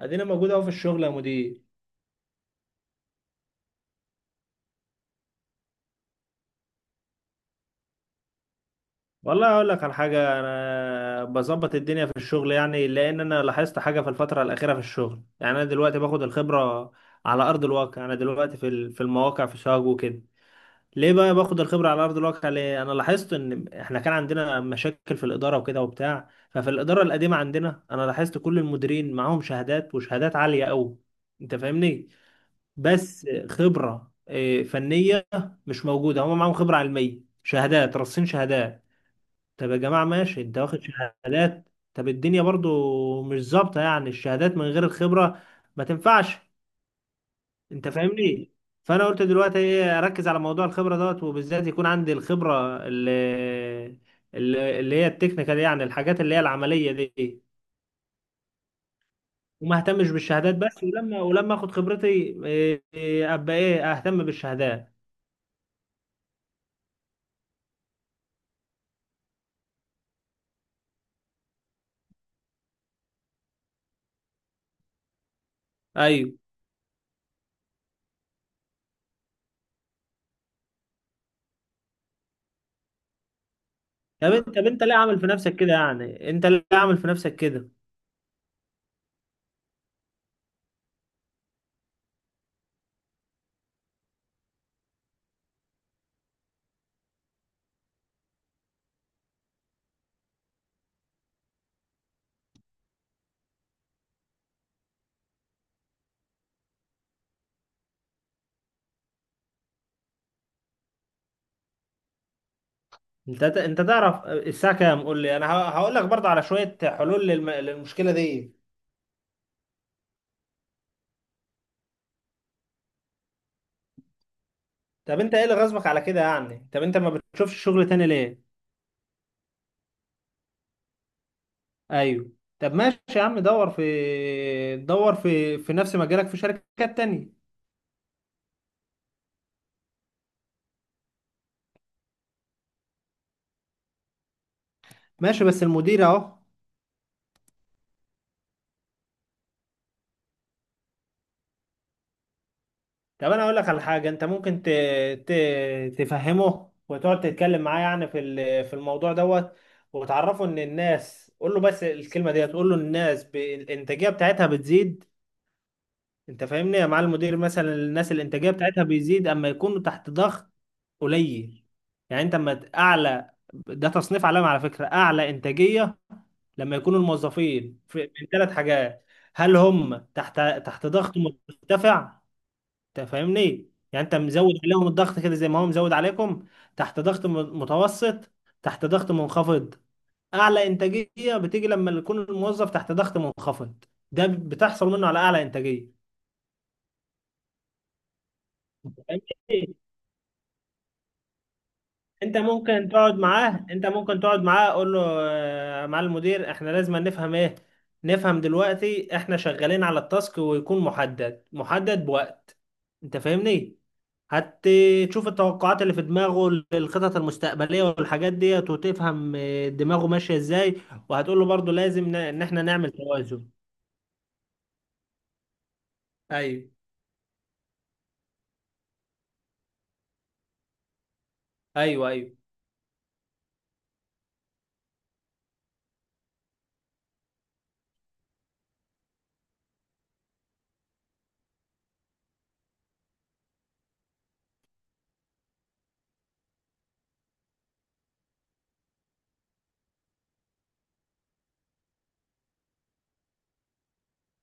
ادينا موجود اهو في الشغل يا مدير. والله اقول لك على حاجه، انا بظبط الدنيا في الشغل يعني، لان انا لاحظت حاجه في الفتره الاخيره في الشغل. يعني انا دلوقتي باخد الخبره على ارض الواقع. انا دلوقتي في المواقع في شاغ وكده. ليه بقى باخد الخبره على ارض الواقع؟ ليه؟ انا لاحظت ان احنا كان عندنا مشاكل في الاداره وكده وبتاع، ففي الاداره القديمه عندنا انا لاحظت كل المديرين معاهم شهادات، وشهادات عاليه قوي. انت فاهمني؟ بس خبرة فنية مش موجودة. هم معاهم خبرة علمية، شهادات رصين، شهادات. طب يا جماعة ماشي، انت واخد شهادات، طب الدنيا برضو مش ظابطة يعني، الشهادات من غير الخبرة ما تنفعش. انت فاهمني؟ فانا قلت دلوقتي ايه، اركز على موضوع الخبرة دوت، وبالذات يكون عندي الخبرة اللي هي التكنيكال، يعني الحاجات اللي هي العملية دي، وما اهتمش بالشهادات بس. ولما اخد خبرتي إيه، إيه، ابقى ايه اهتم بالشهادات. ايوه. طب انت ليه عامل في نفسك كده يعني؟ انت ليه عامل في نفسك كده؟ انت تعرف الساعه كام؟ قول لي انا هقول لك برضه على شويه حلول للمشكله دي. طب انت ايه اللي غصبك على كده يعني؟ طب انت ما بتشوفش شغل تاني ليه؟ ايوه. طب ماشي يا عم، دور في نفس مجالك في شركات تانية. ماشي بس المدير اهو. طب انا اقول لك على حاجه، انت ممكن ت... تفهمه وتقعد تتكلم معاه يعني في الموضوع دوت، وتعرفه ان الناس، قول له بس الكلمه ديت، قول له الناس الانتاجيه بتاعتها بتزيد. انت فاهمني؟ مع المدير مثلا، الناس الانتاجيه بتاعتها بيزيد اما يكونوا تحت ضغط قليل. يعني انت اما اعلى ده تصنيف علامه على فكره، اعلى انتاجيه لما يكونوا الموظفين من ثلاث حاجات: هل هم تحت ضغط مرتفع؟ انت فاهمني يعني، انت مزود عليهم الضغط كده زي ما هو مزود عليكم. تحت ضغط متوسط. تحت ضغط منخفض. اعلى انتاجيه بتيجي لما يكون الموظف تحت ضغط منخفض. ده بتحصل منه على اعلى انتاجيه. انت فاهمني؟ انت ممكن تقعد معاه، قول له مع المدير، احنا لازم نفهم ايه. نفهم دلوقتي احنا شغالين على التاسك، ويكون محدد بوقت. انت فاهمني؟ هتشوف التوقعات اللي في دماغه للخطط المستقبلية والحاجات ديت، وتفهم دماغه ماشية ازاي. وهتقول له برضو لازم ان احنا نعمل توازن. ايوه ايوه. ايوه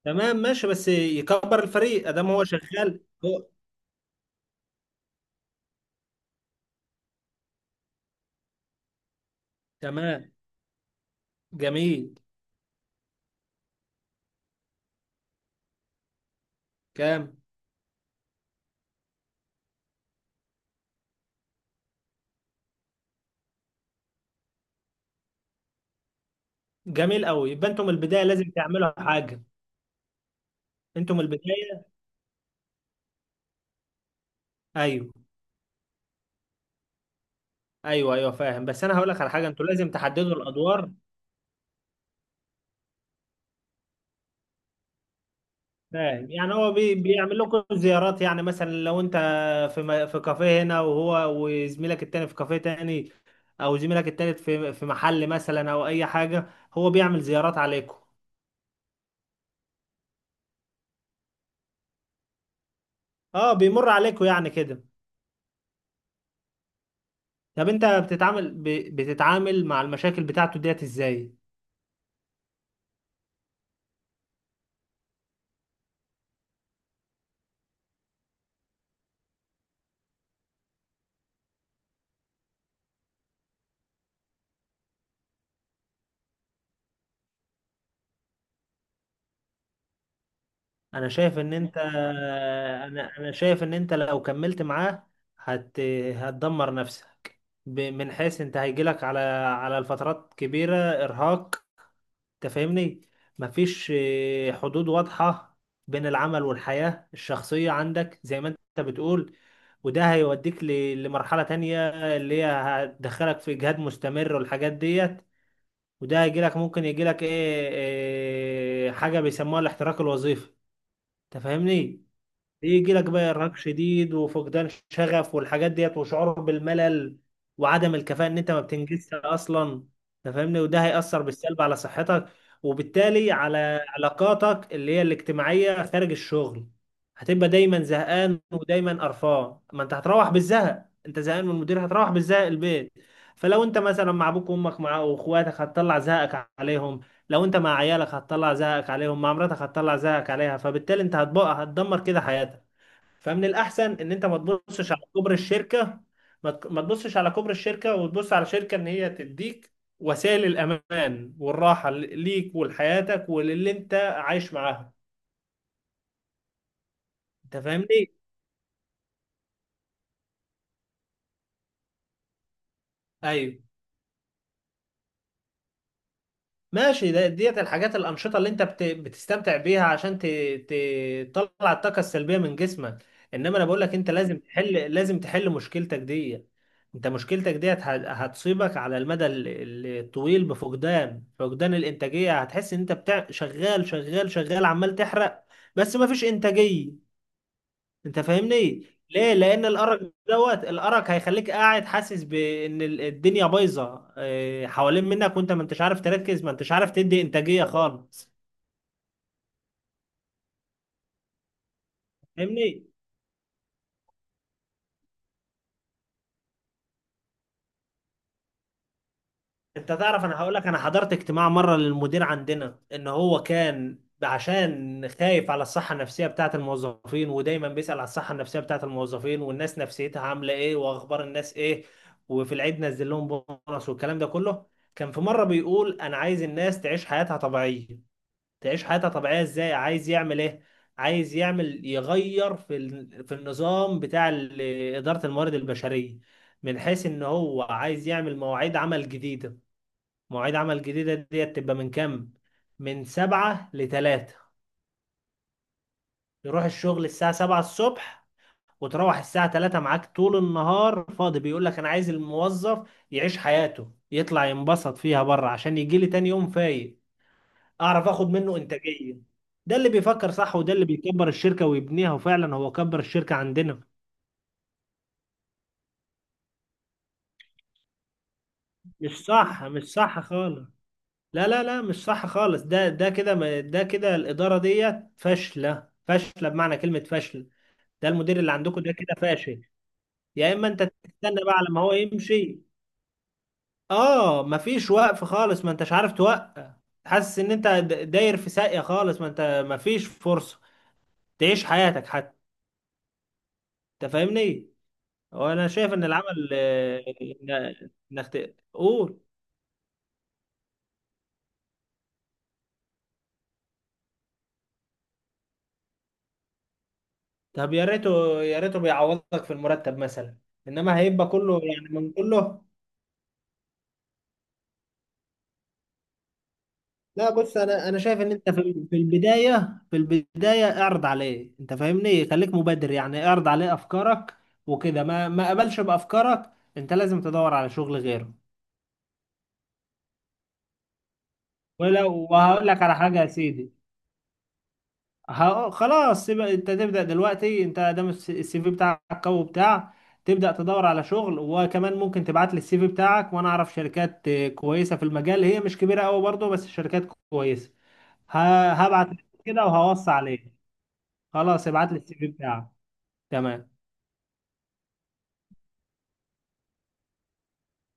تمام. ماشي بس يكبر الفريق ادام هو شغال هو. تمام. جميل. كام؟ جميل قوي. يبقى انتم من البداية لازم تعملوا حاجة. انتم من البداية. ايوه. ايوه ايوه فاهم، بس انا هقول لك على حاجة، انتوا لازم تحددوا الادوار. فاهم يعني هو بيعمل لكم زيارات يعني؟ مثلا لو انت في كافيه هنا، وهو وزميلك التاني في كافيه تاني، او زميلك التالت في محل مثلا، او اي حاجة، هو بيعمل زيارات عليكم؟ اه بيمر عليكم يعني كده. طب انت بتتعامل بتتعامل مع المشاكل بتاعته ديت ازاي؟ انا شايف ان انت، انا شايف ان انت لو كملت معاه هت... هتدمر نفسك من حيث انت هيجيلك على الفترات كبيرة ارهاق. انت فاهمني؟ مفيش حدود واضحة بين العمل والحياة الشخصية عندك زي ما انت بتقول. وده هيوديك لمرحلة تانية، اللي هي هتدخلك في اجهاد مستمر والحاجات ديت. وده هيجيلك، ممكن يجيلك ايه, إيه حاجة بيسموها الاحتراق الوظيفي. انت فاهمني؟ يجي لك بقى ارهاق شديد، وفقدان شغف والحاجات ديت، وشعور بالملل، وعدم الكفاءة ان انت ما بتنجزش اصلا. انت فاهمني؟ وده هيأثر بالسلب على صحتك، وبالتالي على علاقاتك اللي هي الاجتماعية خارج الشغل. هتبقى دايما زهقان ودايما قرفان. ما انت هتروح بالزهق، انت زهقان من المدير هتروح بالزهق البيت. فلو انت مثلا مع ابوك وامك مع واخواتك، هتطلع زهقك عليهم. لو انت مع عيالك هتطلع زهقك عليهم، مع مراتك هتطلع زهقك عليها. فبالتالي انت هتبقى، هتدمر كده حياتك. فمن الاحسن ان انت ما تبصش على كبر الشركه. ما تبصش على كبر الشركه، وتبص على شركه ان هي تديك وسائل الامان والراحه ليك ولحياتك وللي انت عايش معاها. انت فاهمني؟ ايوه ماشي. ديت الحاجات الأنشطة اللي أنت بتستمتع بيها عشان تطلع الطاقة السلبية من جسمك. إنما أنا بقول لك أنت لازم تحل، مشكلتك دي. أنت مشكلتك ديت هتصيبك على المدى الطويل بفقدان، الإنتاجية. هتحس إن أنت شغال شغال شغال عمال تحرق، بس مفيش إنتاجية. انت فاهمني؟ ليه؟ لان الارق دوت، الارق هيخليك قاعد حاسس بان الدنيا بايظه حوالين منك، وانت ما انتش عارف تركز، ما انتش عارف تدي انتاجيه خالص. فاهمني؟ انت تعرف، انا هقول لك، انا حضرت اجتماع مره للمدير عندنا، ان هو كان عشان خايف على الصحه النفسيه بتاعه الموظفين، ودايما بيسأل على الصحه النفسيه بتاعه الموظفين، والناس نفسيتها عامله ايه، واخبار الناس ايه. وفي العيد نزل لهم بونص والكلام ده كله. كان في مره بيقول انا عايز الناس تعيش حياتها طبيعيه. تعيش حياتها طبيعية ازاي، عايز يعمل ايه؟ عايز يعمل، يغير في النظام بتاع إدارة الموارد البشرية، من حيث ان هو عايز يعمل مواعيد عمل جديدة. مواعيد عمل جديدة دي تبقى من كام؟ من 7 لـ3. يروح الشغل الساعة 7 الصبح، وتروح الساعة 3 معاك طول النهار فاضي. بيقول لك انا عايز الموظف يعيش حياته، يطلع ينبسط فيها بره، عشان يجي لي تاني يوم فايق، اعرف اخد منه انتاجيه. ده اللي بيفكر صح، وده اللي بيكبر الشركه ويبنيها، وفعلا هو كبر الشركه عندنا. مش صح، مش صح خالص. لا لا لا، مش صح خالص. ده ده كده ما- ده كده الاداره ديت فاشله، فاشله بمعنى كلمه فاشل. ده المدير اللي عندكم ده كده فاشل. يا اما انت تستنى بقى على ما هو يمشي. اه مفيش وقف خالص، ما انتش عارف توقف. حاسس ان انت داير في ساقيه خالص، ما انت مفيش فرصه تعيش حياتك حتى. انت فاهمني؟ هو انا شايف ان العمل انك قول. طب يا ريته يا ريته بيعوضك في المرتب مثلا، انما هيبقى كله يعني من كله. لا بص، انا شايف ان انت في البدايه اعرض عليه. انت فاهمني؟ خليك مبادر يعني، اعرض عليه افكارك. وكده ما قبلش بافكارك، انت لازم تدور على شغل غيره. ولو، وهقول لك على حاجه يا سيدي، خلاص يبقى انت تبدأ دلوقتي، انت دام السي في بتاعك قوي بتاع. تبدأ تدور على شغل، وكمان ممكن تبعت لي السي في بتاعك، وانا اعرف شركات كويسة في المجال. هي مش كبيرة قوي برضه، بس شركات كويسة. هبعت لك كده وهوصي عليك. خلاص ابعت لي السي في بتاعك. تمام.